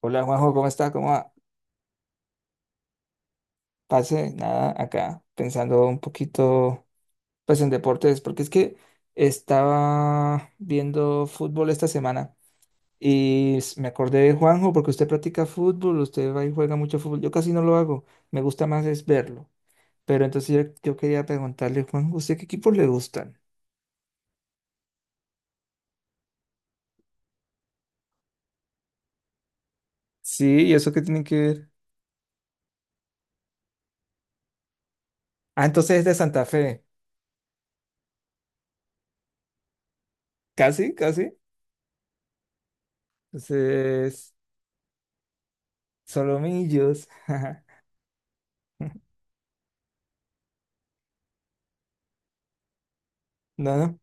Hola Juanjo, ¿cómo está? ¿Cómo va? Pase, nada, acá pensando un poquito pues en deportes, porque es que estaba viendo fútbol esta semana y me acordé de Juanjo porque usted practica fútbol, usted va y juega mucho fútbol, yo casi no lo hago, me gusta más es verlo, pero entonces yo quería preguntarle, Juanjo, ¿usted qué equipos le gustan? Sí, ¿y eso qué tiene que ver? Ah, entonces es de Santa Fe, casi, casi, entonces Solomillos, no, no.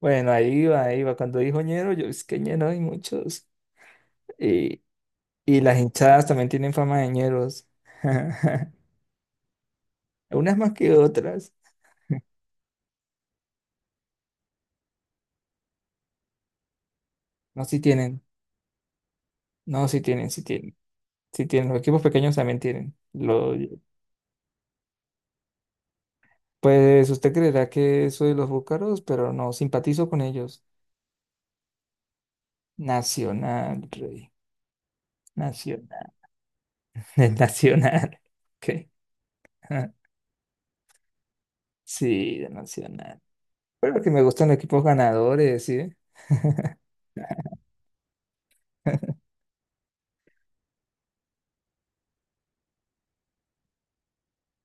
Bueno, ahí va, ahí va. Cuando dijo ñero, yo es que ñero hay muchos. Y, y las hinchadas también tienen fama de ñeros. Unas más que otras. No, sí tienen. No, sí tienen, sí tienen. Sí tienen. Los equipos pequeños también tienen. Pues usted creerá que soy de los búcaros, pero no, simpatizo con ellos. Nacional, rey. Nacional. El Nacional. Ok. Sí, de Nacional. Pero que me gustan los equipos ganadores, ¿sí?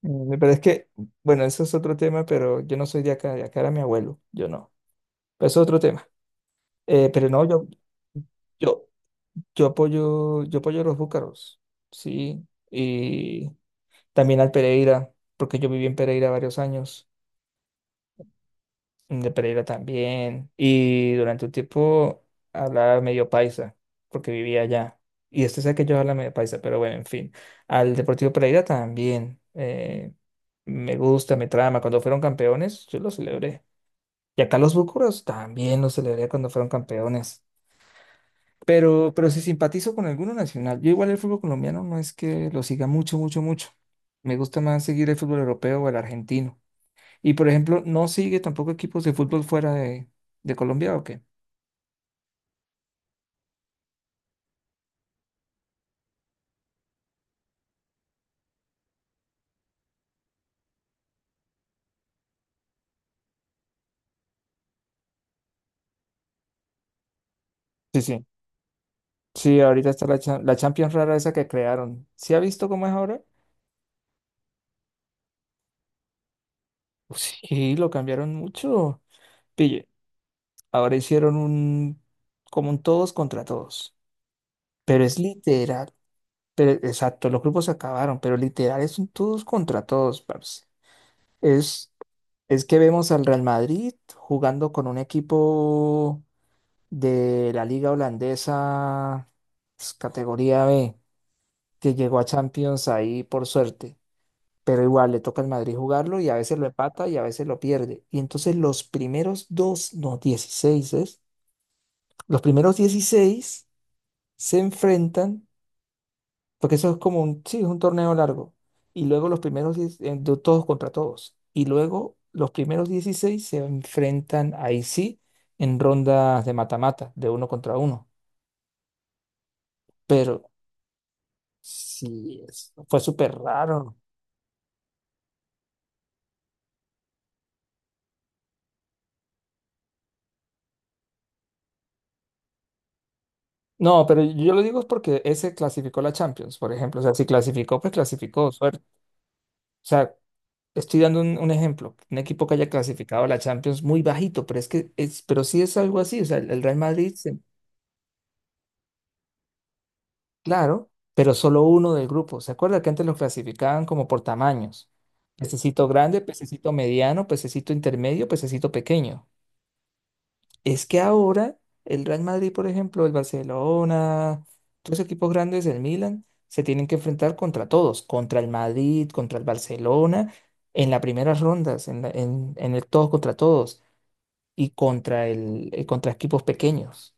Pero es que, bueno, eso es otro tema, pero yo no soy de acá era mi abuelo, yo no. Pero eso es otro tema. Pero no, yo, yo apoyo a los búcaros, sí, y también al Pereira, porque yo viví en Pereira varios años. De Pereira también. Y durante un tiempo hablaba medio paisa, porque vivía allá. Y este sé que yo hablo medio paisa, pero bueno, en fin. Al Deportivo Pereira también. Me gusta, me trama. Cuando fueron campeones, yo lo celebré. Y acá los Búcaros también lo celebré cuando fueron campeones. Pero si simpatizo con alguno nacional, yo igual el fútbol colombiano no es que lo siga mucho, mucho, mucho. Me gusta más seguir el fútbol europeo o el argentino. Y por ejemplo, ¿no sigue tampoco equipos de fútbol fuera de Colombia o qué? Sí, sí. Sí, ahorita está la Champions rara esa que crearon. ¿Sí ha visto cómo es ahora? Sí, lo cambiaron mucho. Pille, ahora hicieron un como un todos contra todos. Pero es literal. Pero exacto, los grupos se acabaron, pero literal es un todos contra todos, parce. Es es que vemos al Real Madrid jugando con un equipo de la liga holandesa, pues, categoría B, que llegó a Champions ahí por suerte. Pero igual le toca al Madrid jugarlo y a veces lo empata y a veces lo pierde. Y entonces los primeros dos, no, 16 ¿es? Los primeros 16 se enfrentan, porque eso es como un, sí, es un torneo largo. Y luego los primeros 10, de todos contra todos. Y luego los primeros 16 se enfrentan ahí sí, en rondas de mata-mata, de uno contra uno. Pero Sí, fue súper raro. No, pero yo lo digo es porque ese clasificó la Champions, por ejemplo. O sea, si clasificó, pues clasificó. Suerte. O sea, estoy dando un ejemplo. Un equipo que haya clasificado a la Champions muy bajito, pero es que es, pero sí es algo así. O sea, el Real Madrid, claro, pero solo uno del grupo. ¿Se acuerda que antes los clasificaban como por tamaños? Pececito grande, pececito mediano, pececito intermedio, pececito pequeño. Es que ahora el Real Madrid, por ejemplo, el Barcelona, todos los equipos grandes, el Milan, se tienen que enfrentar contra todos, contra el Madrid, contra el Barcelona, en las primeras rondas, en el todos contra todos y contra equipos pequeños.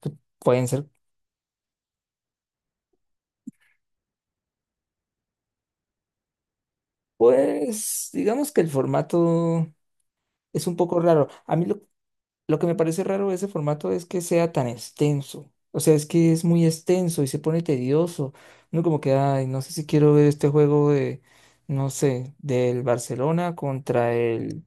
Que Pueden ser, pues, digamos que el formato es un poco raro. A mí lo que me parece raro de ese formato es que sea tan extenso. O sea, es que es muy extenso y se pone tedioso. No como que, ay, no sé si quiero ver este juego de, no sé, del Barcelona contra el...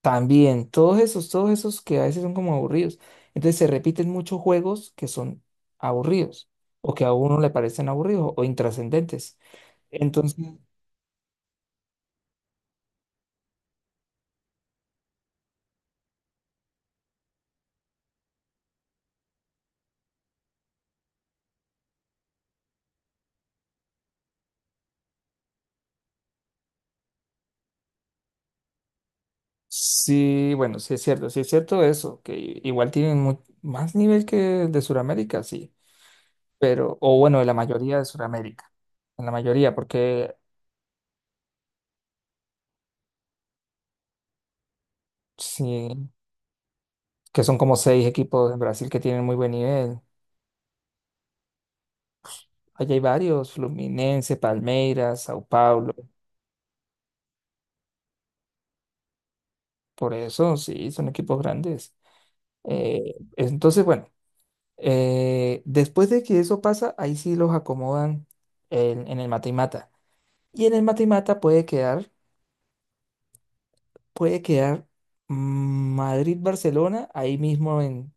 También, todos esos que a veces son como aburridos. Entonces se repiten muchos juegos que son aburridos o que a uno le parecen aburridos o intrascendentes. Entonces, sí, bueno, sí es cierto eso, que igual tienen más nivel que el de Sudamérica, sí. Pero, o bueno, de la mayoría de Sudamérica, en la mayoría, porque sí, que son como seis equipos en Brasil que tienen muy buen nivel. Allá hay varios, Fluminense, Palmeiras, Sao Paulo, por eso sí, son equipos grandes. Entonces, bueno, después de que eso pasa, ahí sí los acomodan en el mata y mata. Y en el mata y mata puede quedar Madrid-Barcelona ahí mismo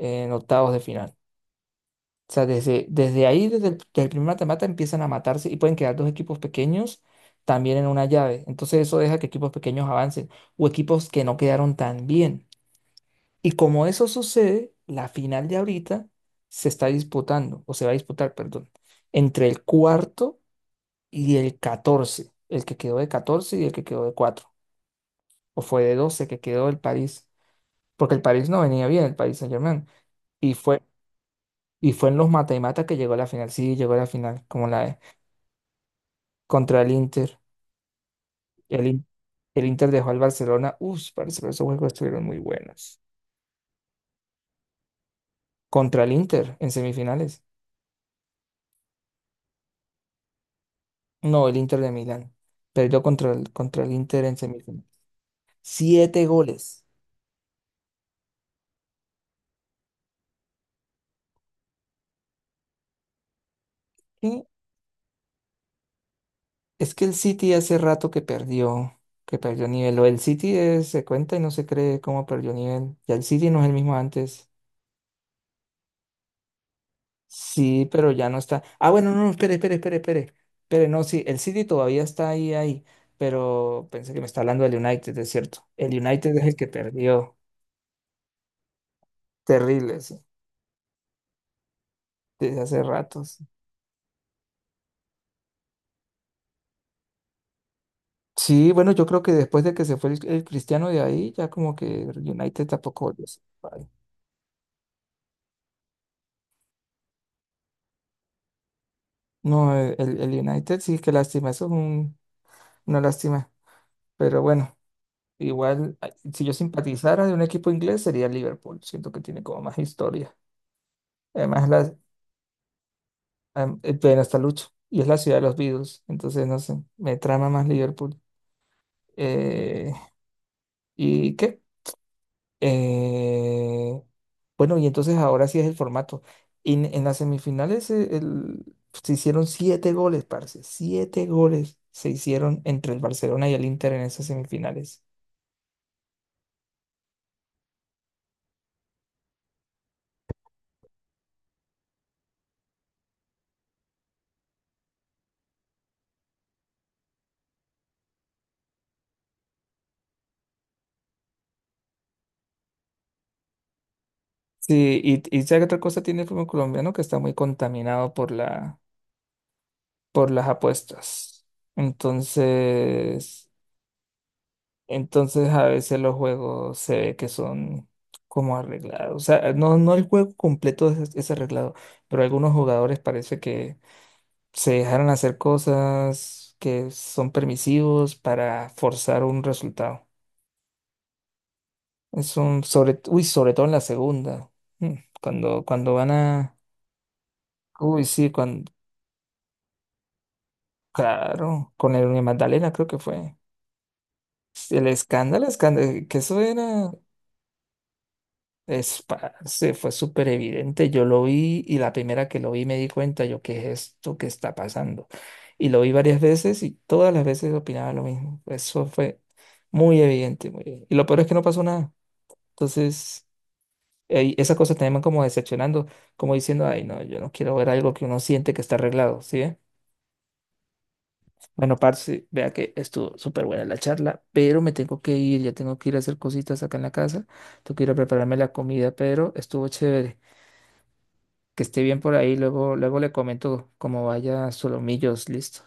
en octavos de final. O sea, desde ahí, desde el primer matamata, empiezan a matarse y pueden quedar dos equipos pequeños también en una llave. Entonces eso deja que equipos pequeños avancen o equipos que no quedaron tan bien. Y como eso sucede, la final de ahorita se está disputando, o se va a disputar, perdón, entre el cuarto y el 14, el que quedó de 14 y el que quedó de cuatro, o fue de 12 que quedó el París, porque el París no venía bien, el París Saint-Germain, y fue, y fue en los mata y mata que llegó a la final, sí, llegó a la final, como la contra el Inter. El, In- el Inter dejó al Barcelona. Uf, parece que esos juegos estuvieron muy buenos. Contra el Inter en semifinales. No, el Inter de Milán. Perdió contra contra el Inter en semifinales. Siete goles. ¿Qué? Es que el City hace rato que perdió nivel. O el City se cuenta y no se cree cómo perdió nivel. Ya el City no es el mismo antes. Sí, pero ya no está. Ah, bueno, no, no, espere, espere, espere, espere. Espere, no, sí, el City todavía está ahí, ahí, pero pensé que me está hablando del United, es cierto. El United es el que perdió. Terrible, sí, desde hace ratos. Sí, sí, bueno, yo creo que después de que se fue el Cristiano de ahí, ya como que el United tampoco volvió a ser igual. No, el United sí, qué lástima, eso es una lástima. Pero bueno, igual, ay, si yo simpatizara de un equipo inglés sería el Liverpool, siento que tiene como más historia. Además, ven hasta Lucho y es la ciudad de los Beatles, entonces no sé, me trama más Liverpool. Eh, ¿Y qué? Eh, bueno, y entonces ahora sí es el formato. En las semifinales se hicieron siete goles, parce, siete goles se hicieron entre el Barcelona y el Inter en esas semifinales. Sí, ¿sabe qué otra cosa tiene el fútbol colombiano que está muy contaminado por por las apuestas. Entonces... entonces a veces los juegos se ve que son como arreglados. O sea, no, no el juego completo es arreglado, pero algunos jugadores parece que se dejaron hacer cosas que son permisivos para forzar un resultado. Es un sobre, uy, sobre todo en la segunda. Mm, cuando van a. Uy, sí, cuando, claro, con el Magdalena creo que fue. El escándalo, escándalo, que eso era. Es, parce, fue súper evidente. Yo lo vi y la primera que lo vi me di cuenta yo, ¿qué es esto que está pasando? Y lo vi varias veces y todas las veces opinaba lo mismo. Eso fue muy evidente, muy evidente. Y lo peor es que no pasó nada. Entonces, ey, esas cosas te van como decepcionando, como diciendo, ay, no, yo no quiero ver algo que uno siente que está arreglado, ¿sí? ¿ve? Bueno, parce, vea que estuvo súper buena la charla, pero me tengo que ir, ya tengo que ir a hacer cositas acá en la casa. Tengo que ir a prepararme la comida, pero estuvo chévere. Que esté bien por ahí. Luego, luego le comento cómo vaya Solomillos, listo.